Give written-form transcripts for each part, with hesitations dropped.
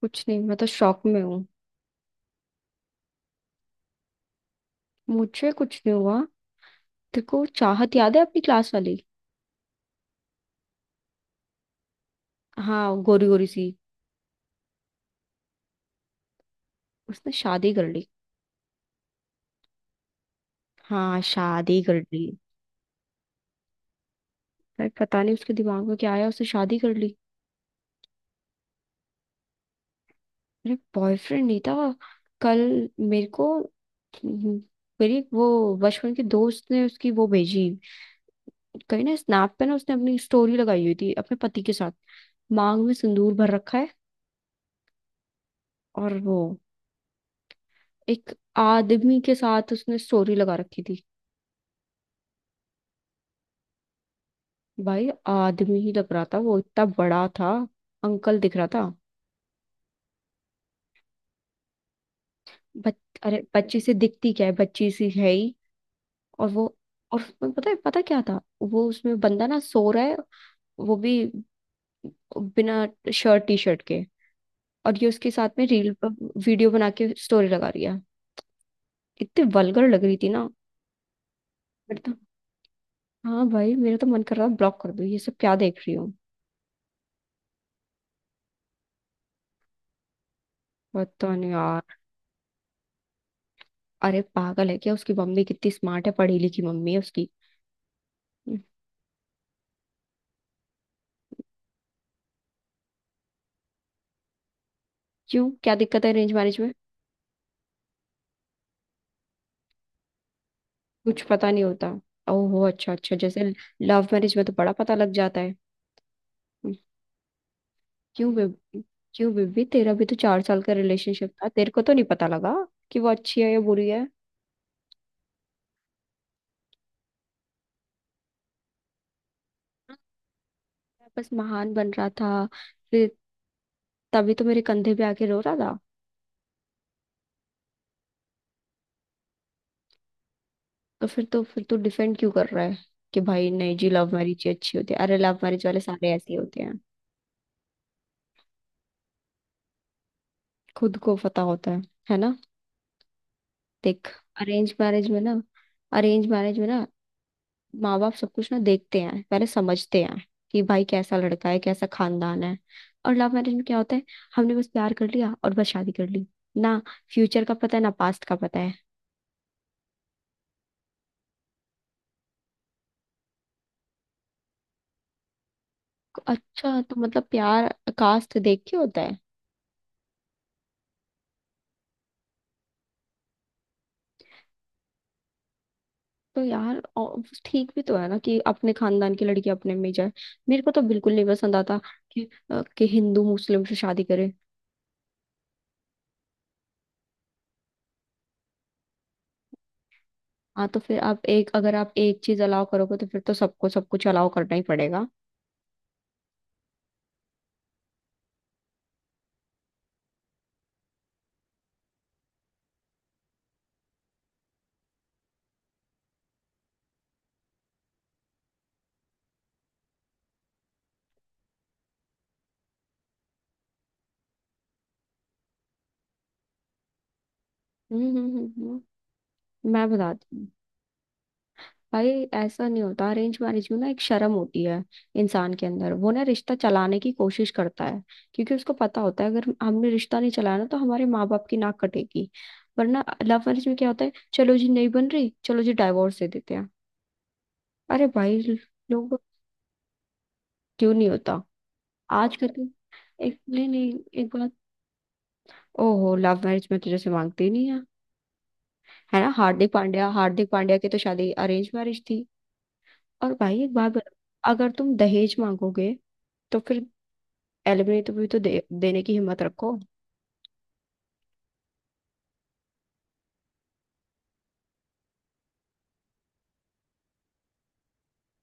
कुछ नहीं। मैं तो शॉक में हूँ। मुझे कुछ नहीं हुआ। तेरे को चाहत याद है अपनी क्लास वाली? हाँ, गोरी गोरी सी। उसने शादी कर ली। हाँ, शादी कर ली। अरे, पता नहीं उसके दिमाग में क्या आया, उसने शादी कर ली। अरे, बॉयफ्रेंड नहीं था। कल मेरे को मेरी वो बचपन के दोस्त ने उसकी वो भेजी। कहीं ना स्नैप पे ना उसने अपनी स्टोरी लगाई हुई थी अपने पति के साथ। मांग में सिंदूर भर रखा है। और वो, एक आदमी के साथ उसने स्टोरी लगा रखी थी। भाई, आदमी ही लग रहा था, वो इतना बड़ा था। अंकल दिख रहा था। बच, अरे, बच्ची से दिखती क्या है, बच्ची सी है ही। और वो और उसमें पता है, पता क्या था, वो उसमें बंदा ना सो रहा है। वो भी, बिना शर्ट टी शर्ट के। और ये उसके साथ में रील पर वीडियो बना के स्टोरी लगा रही है। इतनी वल्गर लग रही थी ना। मेरे तो हाँ भाई, मेरा तो मन कर रहा था ब्लॉक कर दूं, ये सब क्या देख रही हूँ। पता नहीं यार। अरे, पागल है क्या? उसकी मम्मी कितनी स्मार्ट है, पढ़ी लिखी मम्मी है उसकी। क्यों, क्या दिक्कत है अरेंज मैरिज में? कुछ पता नहीं होता। ओहो, अच्छा अच्छा, जैसे। लव मैरिज में तो बड़ा पता लग जाता है। क्यों बेबी क्यों बेबी, तेरा भी तो 4 साल का रिलेशनशिप था, तेरे को तो नहीं पता लगा कि वो अच्छी है या बुरी है। मैं बस महान बन रहा था। फिर तभी तो मेरे कंधे पे आके रो रहा था। तो फिर तू डिफेंड क्यों कर रहा है? कि भाई नहीं जी लव मैरिज ही अच्छी होती है। अरे, लव मैरिज वाले सारे ऐसे ही होते हैं। खुद को पता होता है। है ना। देख। अरेंज मैरिज में ना अरेंज मैरिज में ना, माँ बाप सब कुछ ना देखते हैं, पहले समझते हैं। कि भाई कैसा लड़का है, कैसा खानदान है। और लव मैरिज में क्या होता है? हमने बस प्यार कर लिया और बस शादी कर ली। ना फ्यूचर का पता है ना पास्ट का पता है। अच्छा, तो मतलब प्यार कास्ट देख के होता है? तो यार, और ठीक भी तो है ना कि अपने खानदान की लड़की अपने में ही जाए। मेरे को तो बिल्कुल नहीं पसंद आता कि हिंदू मुस्लिम से शादी करे। हाँ तो फिर आप एक अगर आप एक चीज अलाउ करोगे तो फिर तो सबको सब कुछ अलाउ करना ही पड़ेगा। हम्म, हम्म, हम्म, मैं बताती हूँ। भाई ऐसा नहीं होता, अरेंज मैरिज में ना एक शर्म होती है इंसान के अंदर, वो ना रिश्ता चलाने की कोशिश करता है। क्योंकि उसको पता होता है, अगर हमने रिश्ता नहीं चलाया ना तो हमारे माँ बाप की नाक कटेगी। वरना लव मैरिज में क्या होता है? चलो जी नहीं बन रही, चलो जी डाइवोर्स दे देते हैं। अरे भाई। लोग। क्यों नहीं होता? आज कल के- एक, नहीं, नहीं, एक बात। ओहो, लव मैरिज में तुझे से मांगते ही नहीं है। है ना, हार्दिक पांड्या की तो शादी अरेंज मैरिज थी। और भाई, एक बात बता, अगर तुम दहेज मांगोगे तो फिर एलिमनी तो भी तो देने की हिम्मत रखो।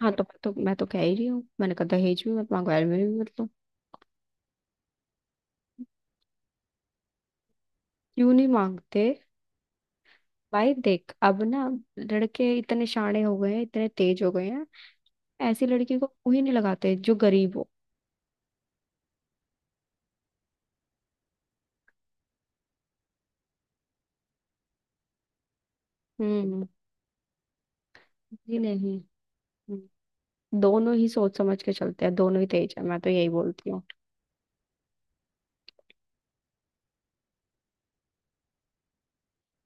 हाँ तो, मैं तो कह ही रही हूँ, मैंने कहा दहेज भी मत मांगो एलिमनी भी मत लो। क्यों नहीं मांगते? भाई देख अब ना। लड़के इतने शाणे हो गए हैं, इतने तेज हो गए हैं। ऐसी लड़की को मुंह ही नहीं लगाते जो गरीब हो। हम्म। जी नहीं। हम्म, दोनों ही सोच समझ के चलते हैं, दोनों ही तेज है, मैं तो यही बोलती हूँ।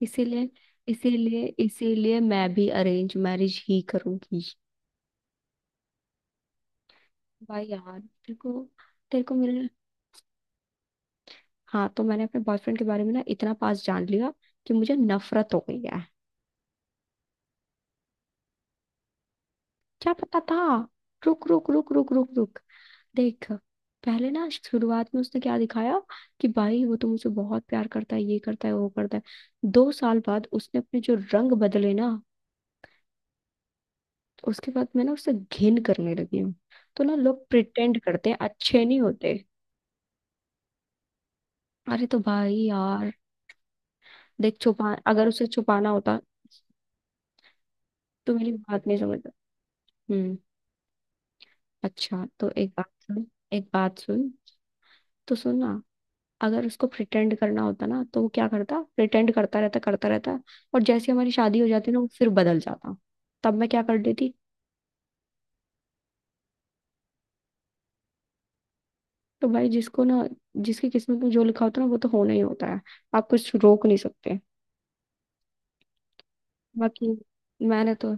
इसीलिए इसीलिए इसीलिए मैं भी अरेंज मैरिज ही करूंगी। भाई यार, तेरे को। मेरे हाँ तो मैंने अपने बॉयफ्रेंड के बारे में ना इतना पास जान लिया कि मुझे नफरत हो गई है। क्या पता था? रुक रुक रुक, रुक रुक रुक। देख। पहले ना शुरुआत में उसने क्या दिखाया, कि भाई वो तो मुझे बहुत प्यार करता है, ये करता है, वो करता है। 2 साल बाद उसने अपने जो रंग बदले ना। तो उसके बाद मैं ना उससे घिन करने लगी हूँ। तो ना, लोग प्रिटेंड करते हैं, अच्छे नहीं होते। अरे तो भाई यार। देख, छुपा अगर उसे छुपाना होता तो मेरी बात नहीं समझता। हम्म। अच्छा, तो एक बात सुन। एक बात सुन। तो सुन ना। अगर उसको प्रिटेंड करना होता ना तो वो क्या करता? प्रिटेंड करता रहता, करता रहता। और जैसे हमारी शादी हो जाती ना, वो फिर बदल जाता। तब मैं क्या कर देती? तो भाई, जिसको ना जिसकी किस्मत में जो लिखा होता है ना वो तो होना ही होता है। आप कुछ रोक नहीं सकते। बाकी। मैंने तो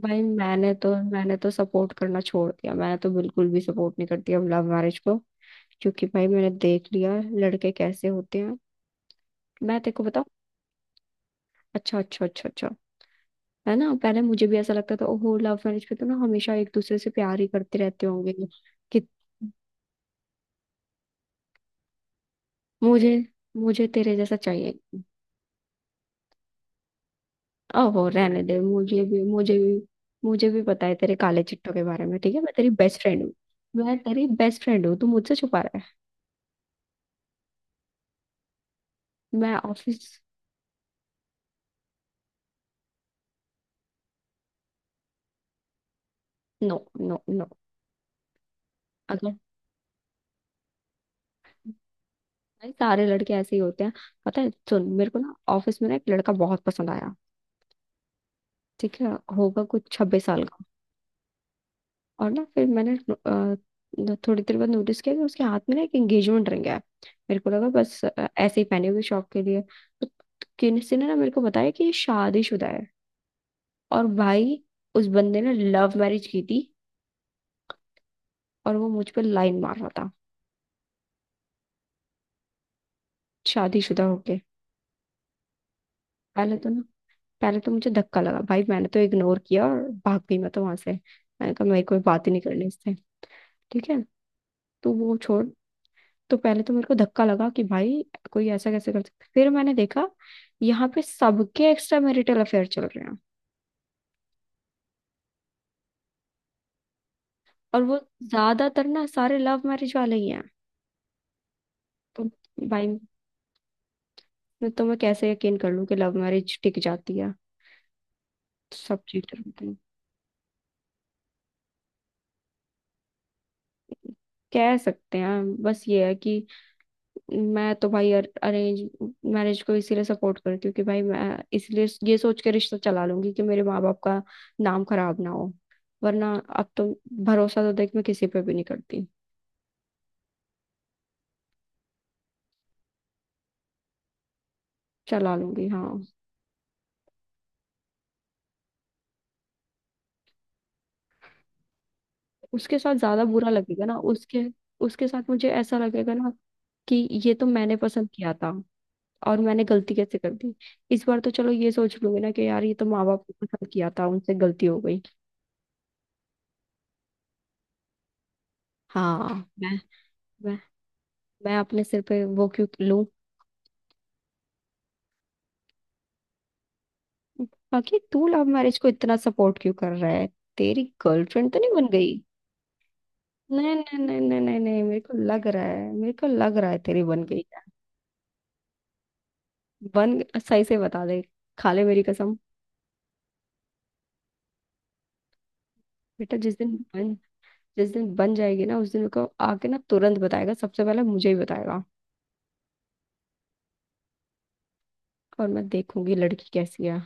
भाई मैंने तो सपोर्ट करना छोड़ दिया, मैंने तो बिल्कुल भी सपोर्ट नहीं करती अब लव मैरिज को। क्योंकि भाई मैंने देख लिया लड़के कैसे होते हैं। मैं तेरे को बताऊं। अच्छा, अच्छा, अच्छा, अच्छा। है ना, पहले मुझे भी ऐसा लगता था, ओहो लव मैरिज पे तो ना हमेशा एक दूसरे से प्यार ही करते रहते होंगे। कि मुझे मुझे तेरे जैसा चाहिए। ओहो रहने दे, मुझे भी, मुझे भी। मुझे भी पता है तेरे काले चिट्ठों के बारे में, ठीक है, मैं तेरी बेस्ट फ्रेंड हूँ। मैं तेरी बेस्ट फ्रेंड हूँ, तू मुझसे छुपा रहा है। मैं ऑफिस। No, no, no. अगर। भाई सारे लड़के ऐसे ही होते हैं। पता है, सुन, मेरे को ना ऑफिस में ना एक लड़का बहुत पसंद आया। ठीक है। होगा कुछ 26 साल का। और ना फिर मैंने थोड़ी देर बाद नोटिस किया कि उसके हाथ में ना एक एंगेजमेंट रिंग है। मेरे को लगा बस ऐसे ही पहनी होगी शौक के लिए। तो। किसी ने ना मेरे को बताया कि ये शादीशुदा है। और भाई। उस बंदे ने लव मैरिज की थी। और वो मुझ पर लाइन मार रहा था। शादीशुदा होके। पहले तो ना पहले तो मुझे धक्का लगा, भाई मैंने तो इग्नोर किया और भाग गई मैं तो वहां से। मैंने कहा मेरी कोई बात ही नहीं करनी इससे। ठीक है, तो वो छोड़। तो पहले तो मेरे को धक्का लगा कि भाई कोई ऐसा कैसे कर सकता है। फिर मैंने देखा। यहाँ पे सबके एक्स्ट्रा मैरिटल अफेयर चल रहे हैं। और वो, ज्यादातर ना सारे लव मैरिज वाले ही हैं। तो भाई। तो मैं कैसे यकीन कर लूँ कि लव मैरिज टिक जाती है? तो सब चीटर होते हैं। कह सकते हैं, बस ये है कि मैं तो भाई अरेंज मैरिज को इसीलिए सपोर्ट करती हूँ कि भाई, मैं इसलिए ये सोच के रिश्ता चला लूंगी कि मेरे माँ बाप का नाम खराब ना हो। वरना। अब तो। भरोसा तो देख मैं किसी पे भी नहीं करती। चला लूंगी, हाँ। उसके साथ ज्यादा बुरा लगेगा ना, उसके उसके साथ मुझे ऐसा लगेगा ना कि ये तो मैंने पसंद किया था। और मैंने गलती कैसे कर दी? इस बार तो चलो ये सोच लूंगी ना कि यार, ये तो माँ बाप को पसंद किया था, उनसे गलती हो गई। हाँ। मैं मैं मैं अपने सिर पे वो क्यों लूं? बाकी तू लव मैरिज को इतना सपोर्ट क्यों कर रहा है? तेरी गर्लफ्रेंड तो नहीं बन गई? नहीं, नहीं, नहीं, नहीं, नहीं, नहीं, मेरे को लग रहा है मेरे को लग रहा है तेरी बन गई है। बन, सही से बता दे। खा ले मेरी कसम। बेटा, जिस दिन बन जाएगी ना उस दिन मेरे को आके ना तुरंत बताएगा, सबसे पहले मुझे ही बताएगा। और मैं देखूंगी लड़की कैसी है।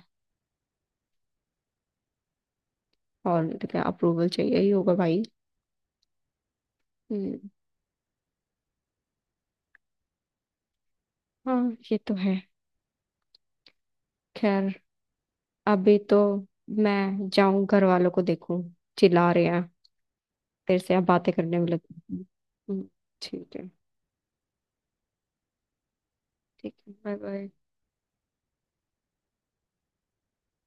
और नहीं तो क्या, अप्रूवल चाहिए ही होगा भाई। हम्म। हाँ ये तो है। खैर। अभी तो। मैं जाऊं, घर वालों को देखूं। चिल्ला रहे हैं। तेरे से अब बातें करने में लग। हम्म। ठीक है। ठीक है, बाय बाय।